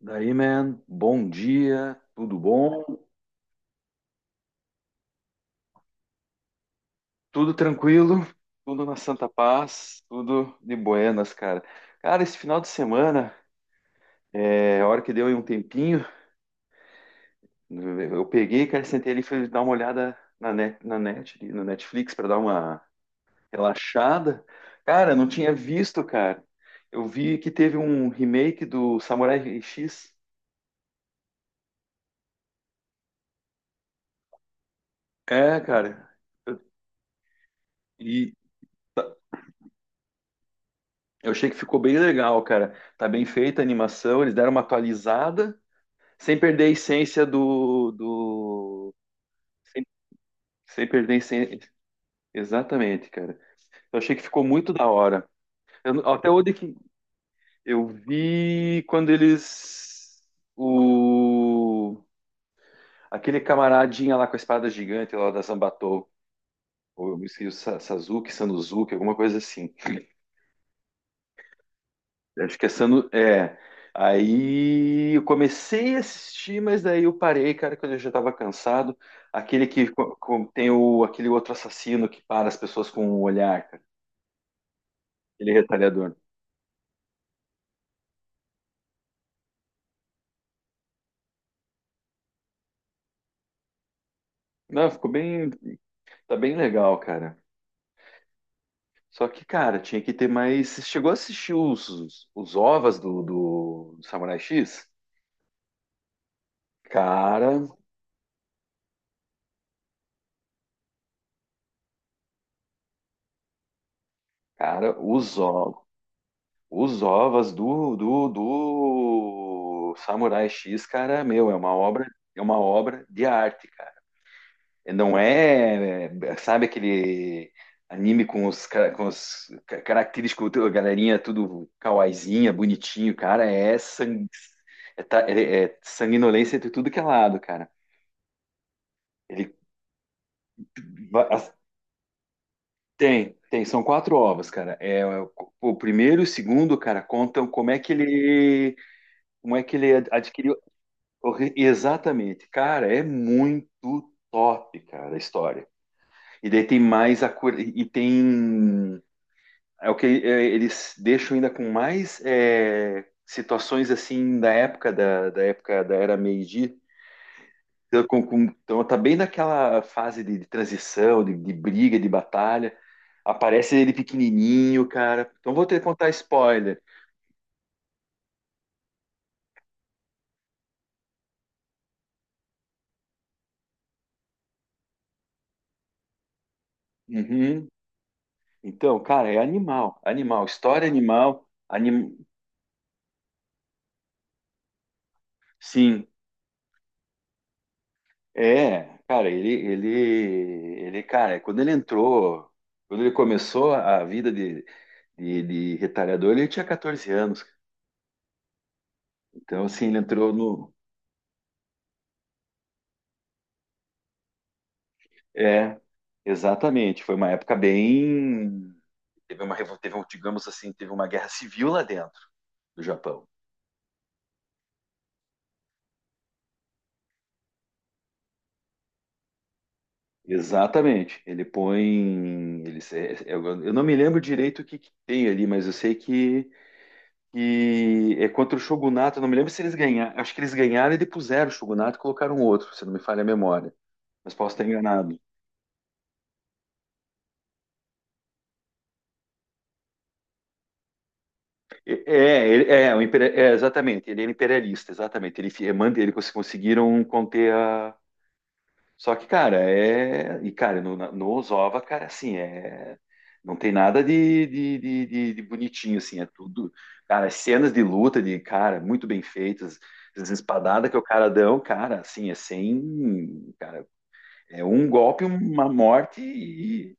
Daí, man, bom dia, tudo bom? Tudo tranquilo, tudo na santa paz, tudo de buenas, cara. Cara, esse final de semana, é, a hora que deu aí um tempinho, eu peguei, cara, sentei ali, e fui dar uma olhada na net, no Netflix para dar uma relaxada. Cara, não tinha visto, cara. Eu vi que teve um remake do Samurai X. É, cara. Eu- E Eu achei que ficou bem legal, cara. Tá bem feita a animação, eles deram uma atualizada, sem perder a essência do. Sem, sem perder a essência. Exatamente, cara. Eu achei que ficou muito da hora. Eu, até onde que eu vi quando eles o aquele camaradinha lá com a espada gigante lá da Zambatou, ou eu me esqueci, o Sasuke, Sanuzuki, alguma coisa assim. Acho que é Sanu-. É. Aí eu comecei a assistir, mas daí eu parei, cara, quando eu já tava cansado. Aquele que tem o, aquele outro assassino que para as pessoas com o olhar, cara. Aquele retalhador. Não, ficou bem. Tá bem legal, cara. Só que, cara, tinha que ter mais. Você chegou a assistir os OVAs do Samurai X? Cara, cara, os OVAs. Os OVAs do Samurai X, cara, meu, é uma obra de arte, cara. E não é, sabe aquele anime com os característicos, galerinha tudo kawaiizinha, bonitinho, cara, é sangue, é sanguinolência de tudo que é lado, cara. Ele va- as- tem, tem, são quatro ovas, cara. É, o primeiro e o segundo, cara, contam como é que ele adquiriu Exatamente, cara, é muito top, cara, a história. E daí tem mais e tem é o que é, eles deixam ainda com mais situações assim da época da época da era Meiji. Então, então tá bem naquela fase de transição, de briga, de batalha. Aparece ele pequenininho, cara. Então vou ter que contar spoiler. Uhum. Então, cara, é animal, animal, história animal, anim. Sim. É, cara, ele, cara, quando ele começou a vida de retalhador, ele tinha 14 anos. Então, assim, ele entrou no. É, exatamente. Foi uma época bem. Teve, um, digamos assim, teve uma guerra civil lá dentro do Japão. Exatamente. Ele põe. Ele, se- eu não me lembro direito o que tem ali, mas eu sei que é contra o Shogunato. Eu não me lembro se eles ganharam. Acho que eles ganharam e depuseram o Shogunato e colocaram um outro, se não me falha a memória. Mas posso estar enganado. É, exatamente. Ele era imperialista, exatamente. Ele fi- é, manda ele cons- conseguiram conter a. Só que, cara, é. E, cara, no Ozova, cara, assim, é. Não tem nada de bonitinho, assim, é tudo. Cara, cenas de luta, de cara, muito bem feitas, as espadadas que o cara dão, cara, assim, é sem. Cara, é um golpe, uma morte e.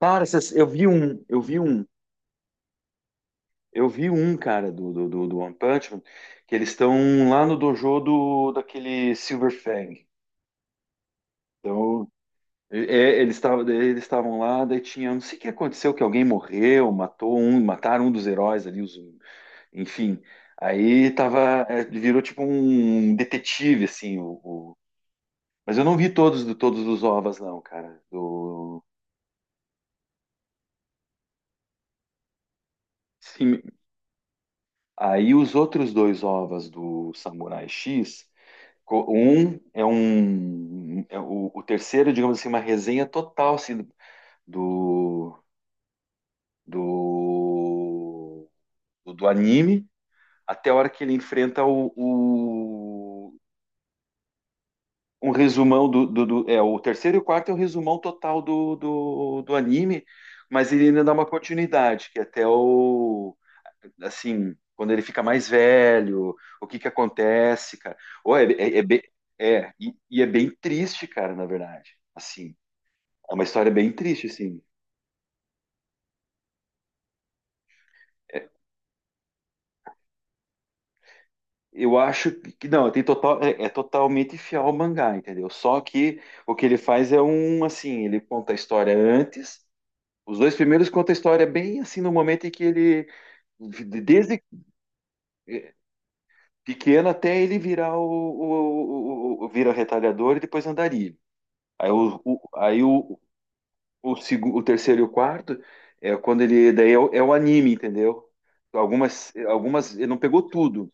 Cara, eu vi um, eu vi um, eu vi um, cara, do One Punch Man, que eles estão lá no dojo daquele Silver Fang. Então, eles estavam lá, daí tinha, não sei o que aconteceu, que alguém morreu, mataram um dos heróis ali, os, enfim. Aí tava, virou tipo um detetive, assim, mas eu não vi todos, todos os ovas, não, cara, do. Sim. Aí os outros dois ovas do Samurai X, o terceiro, digamos assim, uma resenha total assim, do do anime até a hora que ele enfrenta um resumão é o terceiro e o quarto é o resumão total do anime, mas ele ainda dá uma continuidade que é até o assim, quando ele fica mais velho, o que que acontece, cara. Ou é, é, é bem, é, e é bem triste, cara, na verdade. Assim, é uma história bem triste, assim. Eu acho que não, tem total, é totalmente fiel ao mangá, entendeu? Só que o que ele faz é um assim, ele conta a história antes. Os dois primeiros contam a história bem assim no momento em que ele, desde eh, pequeno até ele virar vira retalhador e depois andarilho. Aí o, O, segu- o terceiro e o quarto é quando ele. Daí é o anime, entendeu? Algumas. Ele não pegou tudo.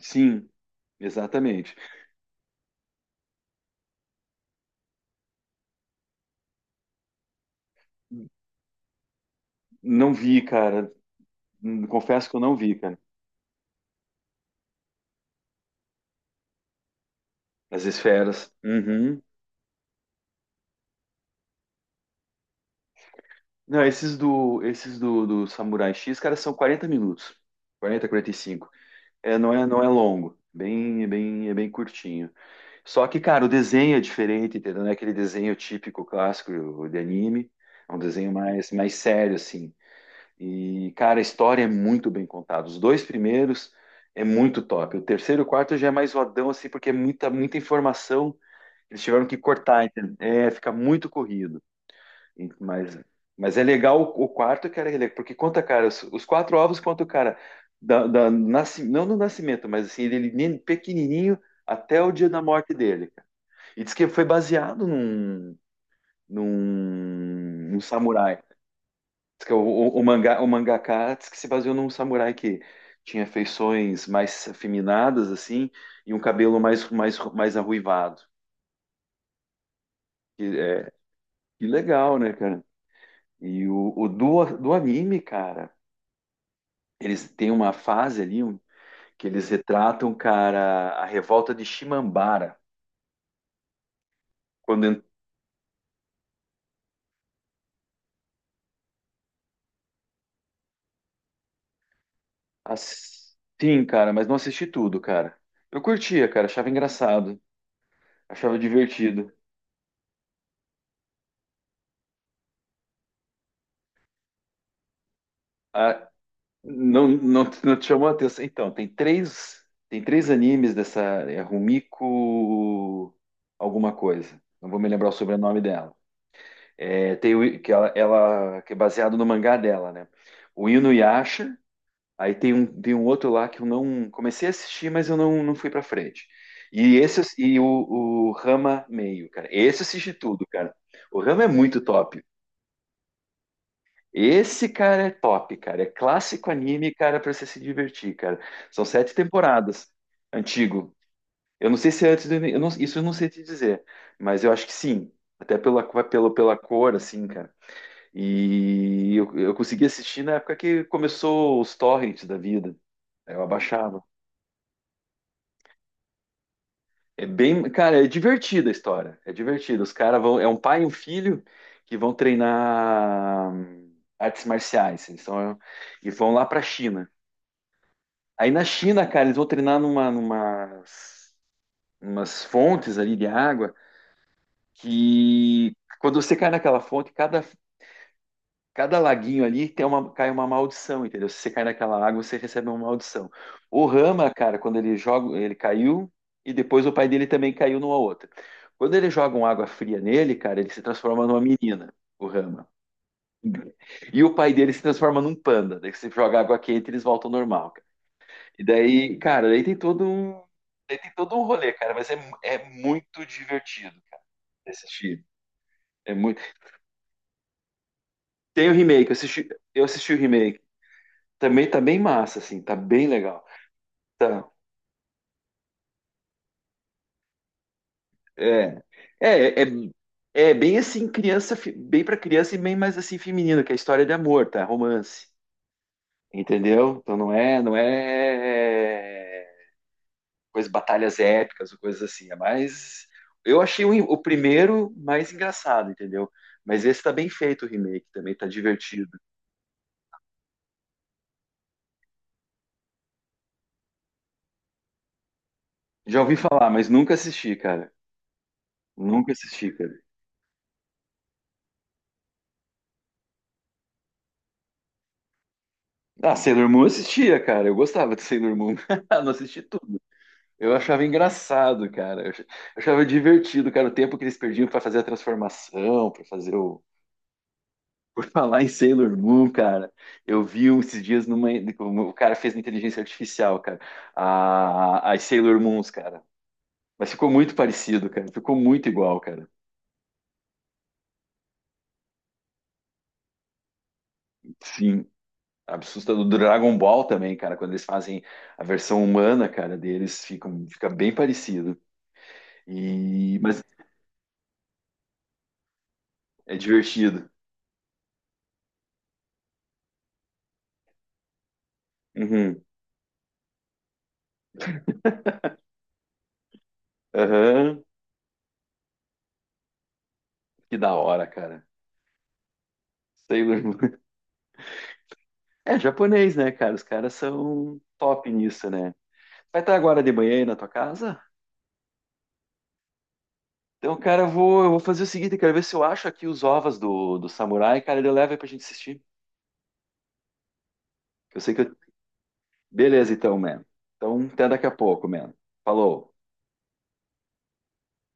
Sim, exatamente. Não vi, cara. Confesso que eu não vi, cara. As esferas. Uhum. Não, esses do Samurai X, cara, são 40 minutos. Quarenta e cinco. É, não é longo. Bem, é bem curtinho. Só que, cara, o desenho é diferente, entendeu? Não é aquele desenho típico, clássico de anime. É um desenho mais, mais sério, assim. E, cara, a história é muito bem contada. Os dois primeiros é muito top. O terceiro e o quarto já é mais rodão, assim, porque é muita, muita informação. Eles tiveram que cortar, entende? Fica muito corrido. E- Mas, mas é legal o quarto, cara, porque conta, cara, os quatro ovos conta o cara, não do nascimento, mas assim, ele, pequenininho até o dia da morte dele, cara. E diz que foi baseado num samurai. Diz que é o mangá, o mangaka diz que se baseou num samurai que tinha feições mais afeminadas, assim, e um cabelo mais arruivado. Que, é, que legal, né, cara? E o do anime, cara, eles têm uma fase ali um, que eles retratam, cara, a revolta de Shimambara. Quando, en- sim, cara, mas não assisti tudo, cara. Eu curtia, cara, achava engraçado, achava divertido. A- Não, não, não te chamou a atenção. Então, tem três animes dessa é Rumiko alguma coisa. Não vou me lembrar o sobrenome dela. É, tem o, que ela- que é baseado no mangá dela, né? O Inuyasha. Aí tem um outro lá que eu não comecei a assistir, mas eu não fui pra frente. E o Rama meio, cara. Esse eu assisti tudo, cara. O Rama é muito top. Esse, cara, é top, cara. É clássico anime, cara, pra você se divertir, cara. São sete temporadas. Antigo. Eu não sei se é antes do. Eu não- Isso eu não sei te dizer. Mas eu acho que sim. Até pela cor, assim, cara. E eu consegui assistir na época que começou os torrents da vida. Aí eu abaixava. É bem. Cara, é divertida a história. É divertida. Os caras vão. É um pai e um filho que vão treinar artes marciais. Eles são, e vão lá pra China. Aí na China, cara, eles vão treinar umas fontes ali de água que quando você cai naquela fonte, cada laguinho ali tem uma, cai uma maldição, entendeu? Se você cai naquela água, você recebe uma maldição. O Rama, cara, quando ele joga, ele caiu e depois o pai dele também caiu numa outra. Quando eles jogam água fria nele, cara, ele se transforma numa menina, o Rama. E o pai dele se transforma num panda. Daí você joga água quente, e eles voltam ao normal. E daí, cara, daí tem todo um rolê, cara, mas é, é muito divertido, cara, de assistir. É muito. Tem o remake, eu assisti o remake. Também tá bem massa, assim, tá bem legal. Tá. É. É, é, é bem assim, criança, bem pra criança e bem mais assim feminino, que é a história de amor, tá? Romance. Entendeu? Então não é, coisas, batalhas épicas, ou coisas assim. É mais. Eu achei o primeiro mais engraçado, entendeu? Mas esse tá bem feito o remake também, tá divertido. Já ouvi falar, mas nunca assisti, cara. Nunca assisti, cara. Ah, Sailor Moon eu assistia, cara. Eu gostava de Sailor Moon. Não assisti tudo. Eu achava engraçado, cara. Eu achava divertido, cara, o tempo que eles perdiam pra fazer a transformação, pra fazer o. Por falar em Sailor Moon, cara, eu vi um esses dias numa. O cara fez na inteligência artificial, cara. As Sailor Moons, cara. Mas ficou muito parecido, cara. Ficou muito igual, cara. Sim. Assustador. Do Dragon Ball também, cara. Quando eles fazem a versão humana, cara, deles, fica bem parecido. Mas é divertido. Uhum. Aham. Que da hora, cara. Sailor Moon. É japonês, né, cara? Os caras são top nisso, né? Vai estar agora de manhã aí na tua casa? Então, cara, eu vou fazer o seguinte, eu quero ver se eu acho aqui os ovos do samurai, cara, ele leva aí pra gente assistir. Eu sei que eu. Beleza, então, man. Então, até daqui a pouco, man. Falou.